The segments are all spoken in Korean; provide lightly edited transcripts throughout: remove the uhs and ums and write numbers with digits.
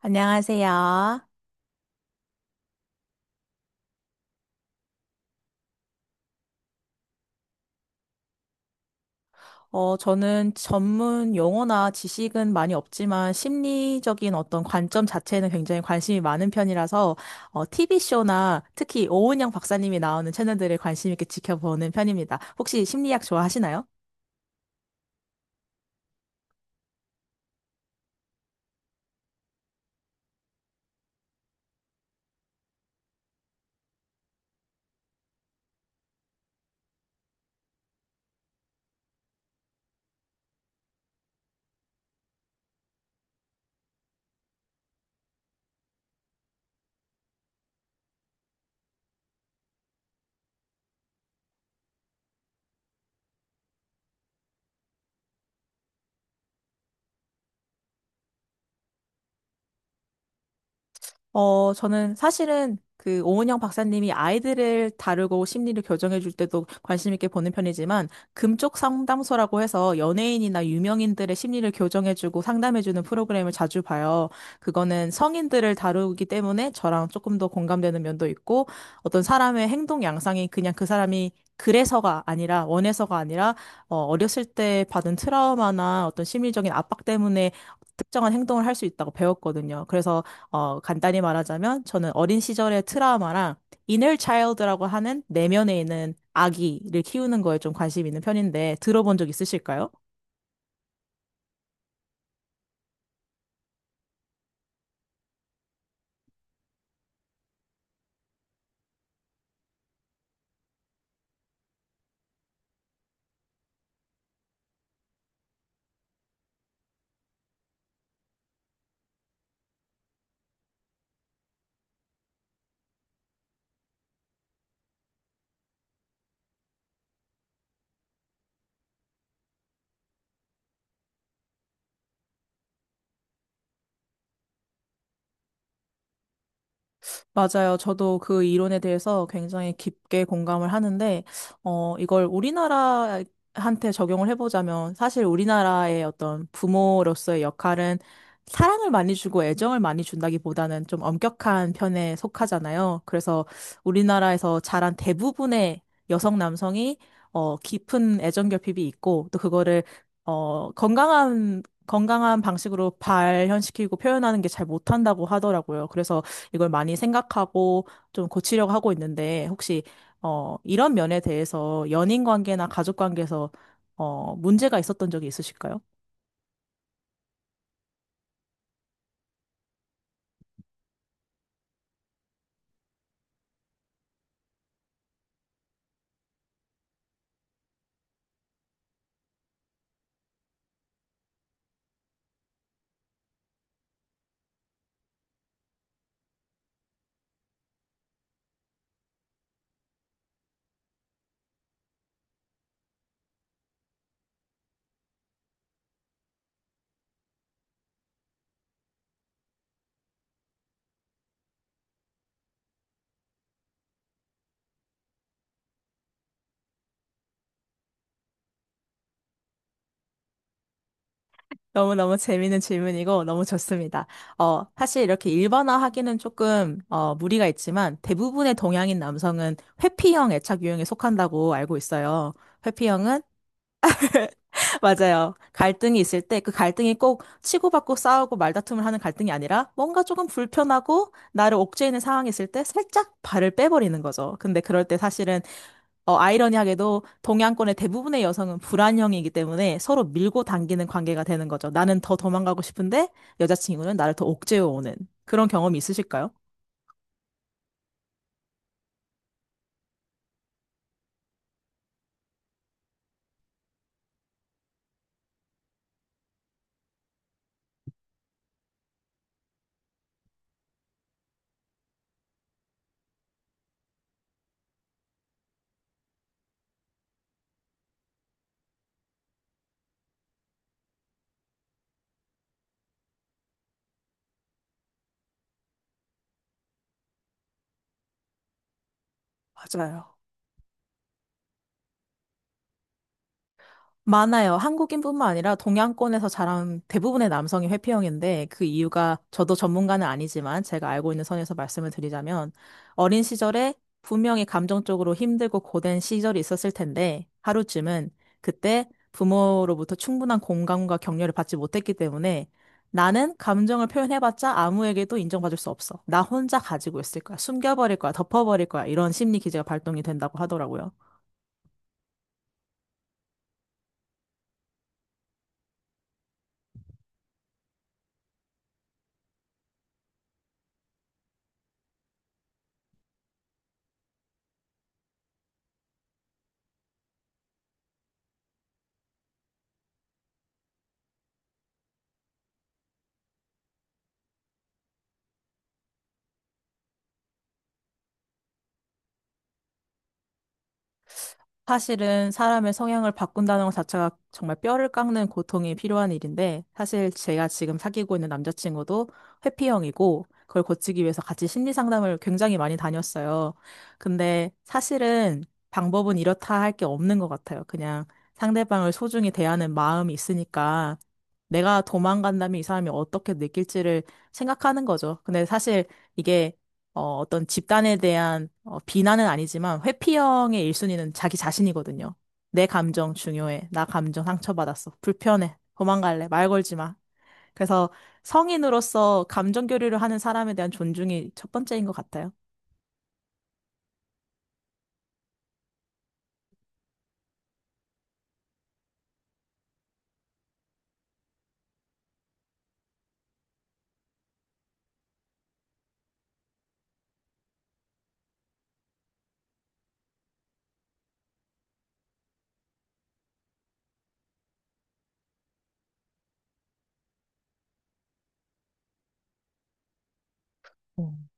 안녕하세요. 저는 전문 용어나 지식은 많이 없지만 심리적인 어떤 관점 자체는 굉장히 관심이 많은 편이라서 TV쇼나 특히 오은영 박사님이 나오는 채널들을 관심 있게 지켜보는 편입니다. 혹시 심리학 좋아하시나요? 저는 사실은 그 오은영 박사님이 아이들을 다루고 심리를 교정해 줄 때도 관심 있게 보는 편이지만 금쪽 상담소라고 해서 연예인이나 유명인들의 심리를 교정해 주고 상담해 주는 프로그램을 자주 봐요. 그거는 성인들을 다루기 때문에 저랑 조금 더 공감되는 면도 있고 어떤 사람의 행동 양상이 그냥 그 사람이 그래서가 아니라 원해서가 아니라 어렸을 때 받은 트라우마나 어떤 심리적인 압박 때문에 특정한 행동을 할 수 있다고 배웠거든요. 그래서 간단히 말하자면 저는 어린 시절의 트라우마랑 inner child라고 하는 내면에 있는 아기를 키우는 거에 좀 관심 있는 편인데 들어본 적 있으실까요? 맞아요. 저도 그 이론에 대해서 굉장히 깊게 공감을 하는데, 이걸 우리나라한테 적용을 해보자면, 사실 우리나라의 어떤 부모로서의 역할은 사랑을 많이 주고 애정을 많이 준다기보다는 좀 엄격한 편에 속하잖아요. 그래서 우리나라에서 자란 대부분의 여성 남성이, 깊은 애정 결핍이 있고, 또 그거를, 건강한 방식으로 발현시키고 표현하는 게 잘 못한다고 하더라고요. 그래서 이걸 많이 생각하고 좀 고치려고 하고 있는데 혹시 이런 면에 대해서 연인 관계나 가족 관계에서 문제가 있었던 적이 있으실까요? 너무너무 재밌는 질문이고 너무 좋습니다. 사실 이렇게 일반화하기는 조금 무리가 있지만 대부분의 동양인 남성은 회피형 애착 유형에 속한다고 알고 있어요. 회피형은 맞아요. 갈등이 있을 때 그 갈등이 꼭 치고받고 싸우고 말다툼을 하는 갈등이 아니라 뭔가 조금 불편하고 나를 옥죄이는 상황이 있을 때 살짝 발을 빼버리는 거죠. 근데 그럴 때 사실은 아이러니하게도 동양권의 대부분의 여성은 불안형이기 때문에 서로 밀고 당기는 관계가 되는 거죠. 나는 더 도망가고 싶은데 여자친구는 나를 더 옥죄어 오는 그런 경험이 있으실까요? 맞아요. 많아요. 한국인뿐만 아니라 동양권에서 자란 대부분의 남성이 회피형인데 그 이유가 저도 전문가는 아니지만 제가 알고 있는 선에서 말씀을 드리자면 어린 시절에 분명히 감정적으로 힘들고 고된 시절이 있었을 텐데 하루쯤은 그때 부모로부터 충분한 공감과 격려를 받지 못했기 때문에 나는 감정을 표현해봤자 아무에게도 인정받을 수 없어. 나 혼자 가지고 있을 거야. 숨겨버릴 거야. 덮어버릴 거야. 이런 심리 기제가 발동이 된다고 하더라고요. 사실은 사람의 성향을 바꾼다는 것 자체가 정말 뼈를 깎는 고통이 필요한 일인데, 사실 제가 지금 사귀고 있는 남자친구도 회피형이고, 그걸 고치기 위해서 같이 심리 상담을 굉장히 많이 다녔어요. 근데 사실은 방법은 이렇다 할 게 없는 것 같아요. 그냥 상대방을 소중히 대하는 마음이 있으니까, 내가 도망간다면 이 사람이 어떻게 느낄지를 생각하는 거죠. 근데 사실 이게 어떤 집단에 대한 비난은 아니지만 회피형의 1순위는 자기 자신이거든요. 내 감정 중요해. 나 감정 상처받았어. 불편해. 도망갈래. 말 걸지 마. 그래서 성인으로서 감정 교류를 하는 사람에 대한 존중이 첫 번째인 것 같아요. 음.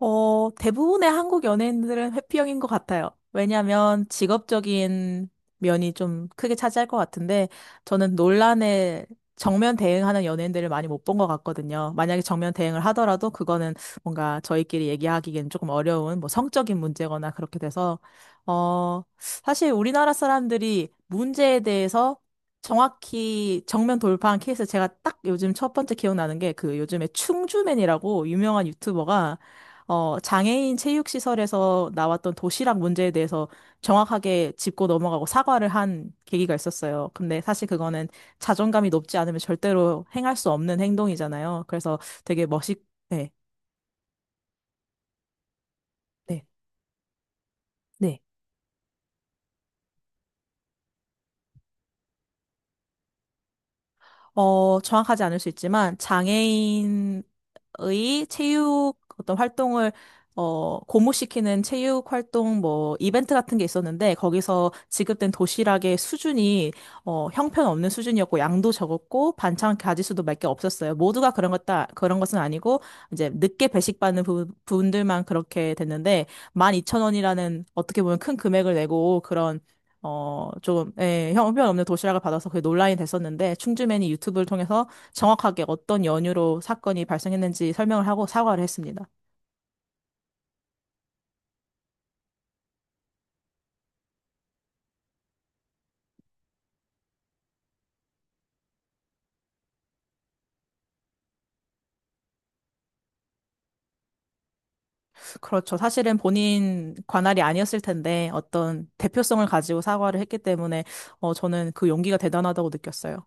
대부분의 한국 연예인들은 회피형인 것 같아요. 왜냐하면 직업적인 면이 좀 크게 차지할 것 같은데 저는 논란에 정면 대응하는 연예인들을 많이 못 본 것 같거든요. 만약에 정면 대응을 하더라도 그거는 뭔가 저희끼리 얘기하기에는 조금 어려운 뭐 성적인 문제거나 그렇게 돼서 사실 우리나라 사람들이 문제에 대해서 정확히 정면 돌파한 케이스 제가 딱 요즘 첫 번째 기억나는 게 그 요즘에 충주맨이라고 유명한 유튜버가 장애인 체육시설에서 나왔던 도시락 문제에 대해서 정확하게 짚고 넘어가고 사과를 한 계기가 있었어요. 근데 사실 그거는 자존감이 높지 않으면 절대로 행할 수 없는 행동이잖아요. 그래서 되게 멋있, 네, 네. 네. 정확하지 않을 수 있지만, 장애인의 체육 어떤 활동을, 고무시키는 체육 활동 뭐, 이벤트 같은 게 있었는데, 거기서 지급된 도시락의 수준이, 형편없는 수준이었고, 양도 적었고, 반찬 가짓수도 몇 개 없었어요. 모두가 그런 것, 다, 그런 것은 아니고, 이제 늦게 배식받는 분들만 그렇게 됐는데, 12,000원이라는 어떻게 보면 큰 금액을 내고, 그런 예, 형편없는 도시락을 받아서 그게 논란이 됐었는데, 충주맨이 유튜브를 통해서 정확하게 어떤 연유로 사건이 발생했는지 설명을 하고 사과를 했습니다. 그렇죠. 사실은 본인 관할이 아니었을 텐데, 어떤 대표성을 가지고 사과를 했기 때문에, 저는 그 용기가 대단하다고 느꼈어요.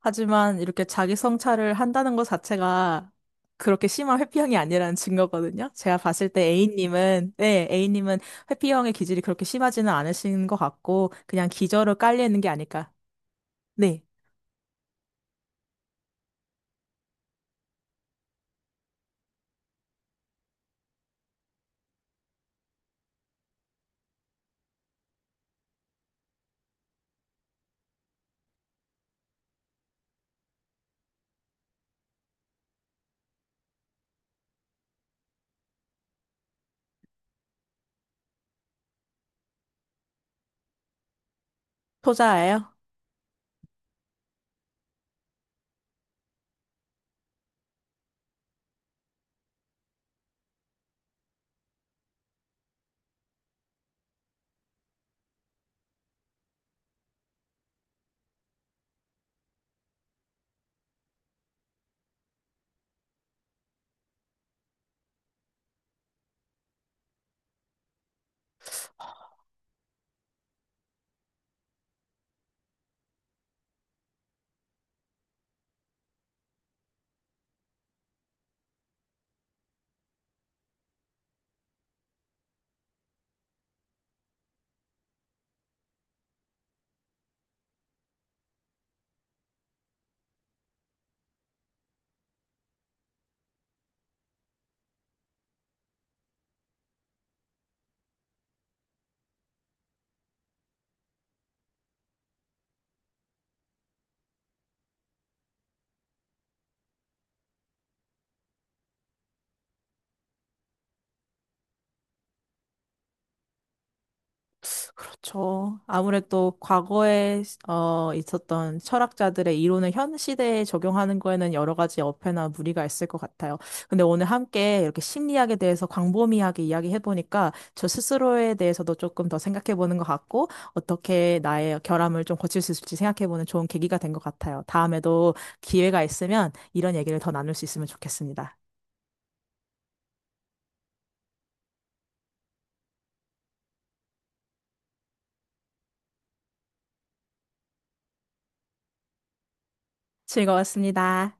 하지만 이렇게 자기 성찰을 한다는 것 자체가 그렇게 심한 회피형이 아니라는 증거거든요. 제가 봤을 때 A님은, 네, A님은 회피형의 기질이 그렇게 심하지는 않으신 것 같고, 그냥 기저로 깔리는 게 아닐까. 네, 토자예요. 그렇죠. 아무래도 과거에 있었던 철학자들의 이론을 현 시대에 적용하는 거에는 여러 가지 어폐나 무리가 있을 것 같아요. 근데 오늘 함께 이렇게 심리학에 대해서 광범위하게 이야기해보니까 저 스스로에 대해서도 조금 더 생각해보는 것 같고 어떻게 나의 결함을 좀 고칠 수 있을지 생각해보는 좋은 계기가 된 것 같아요. 다음에도 기회가 있으면 이런 얘기를 더 나눌 수 있으면 좋겠습니다. 즐거웠습니다.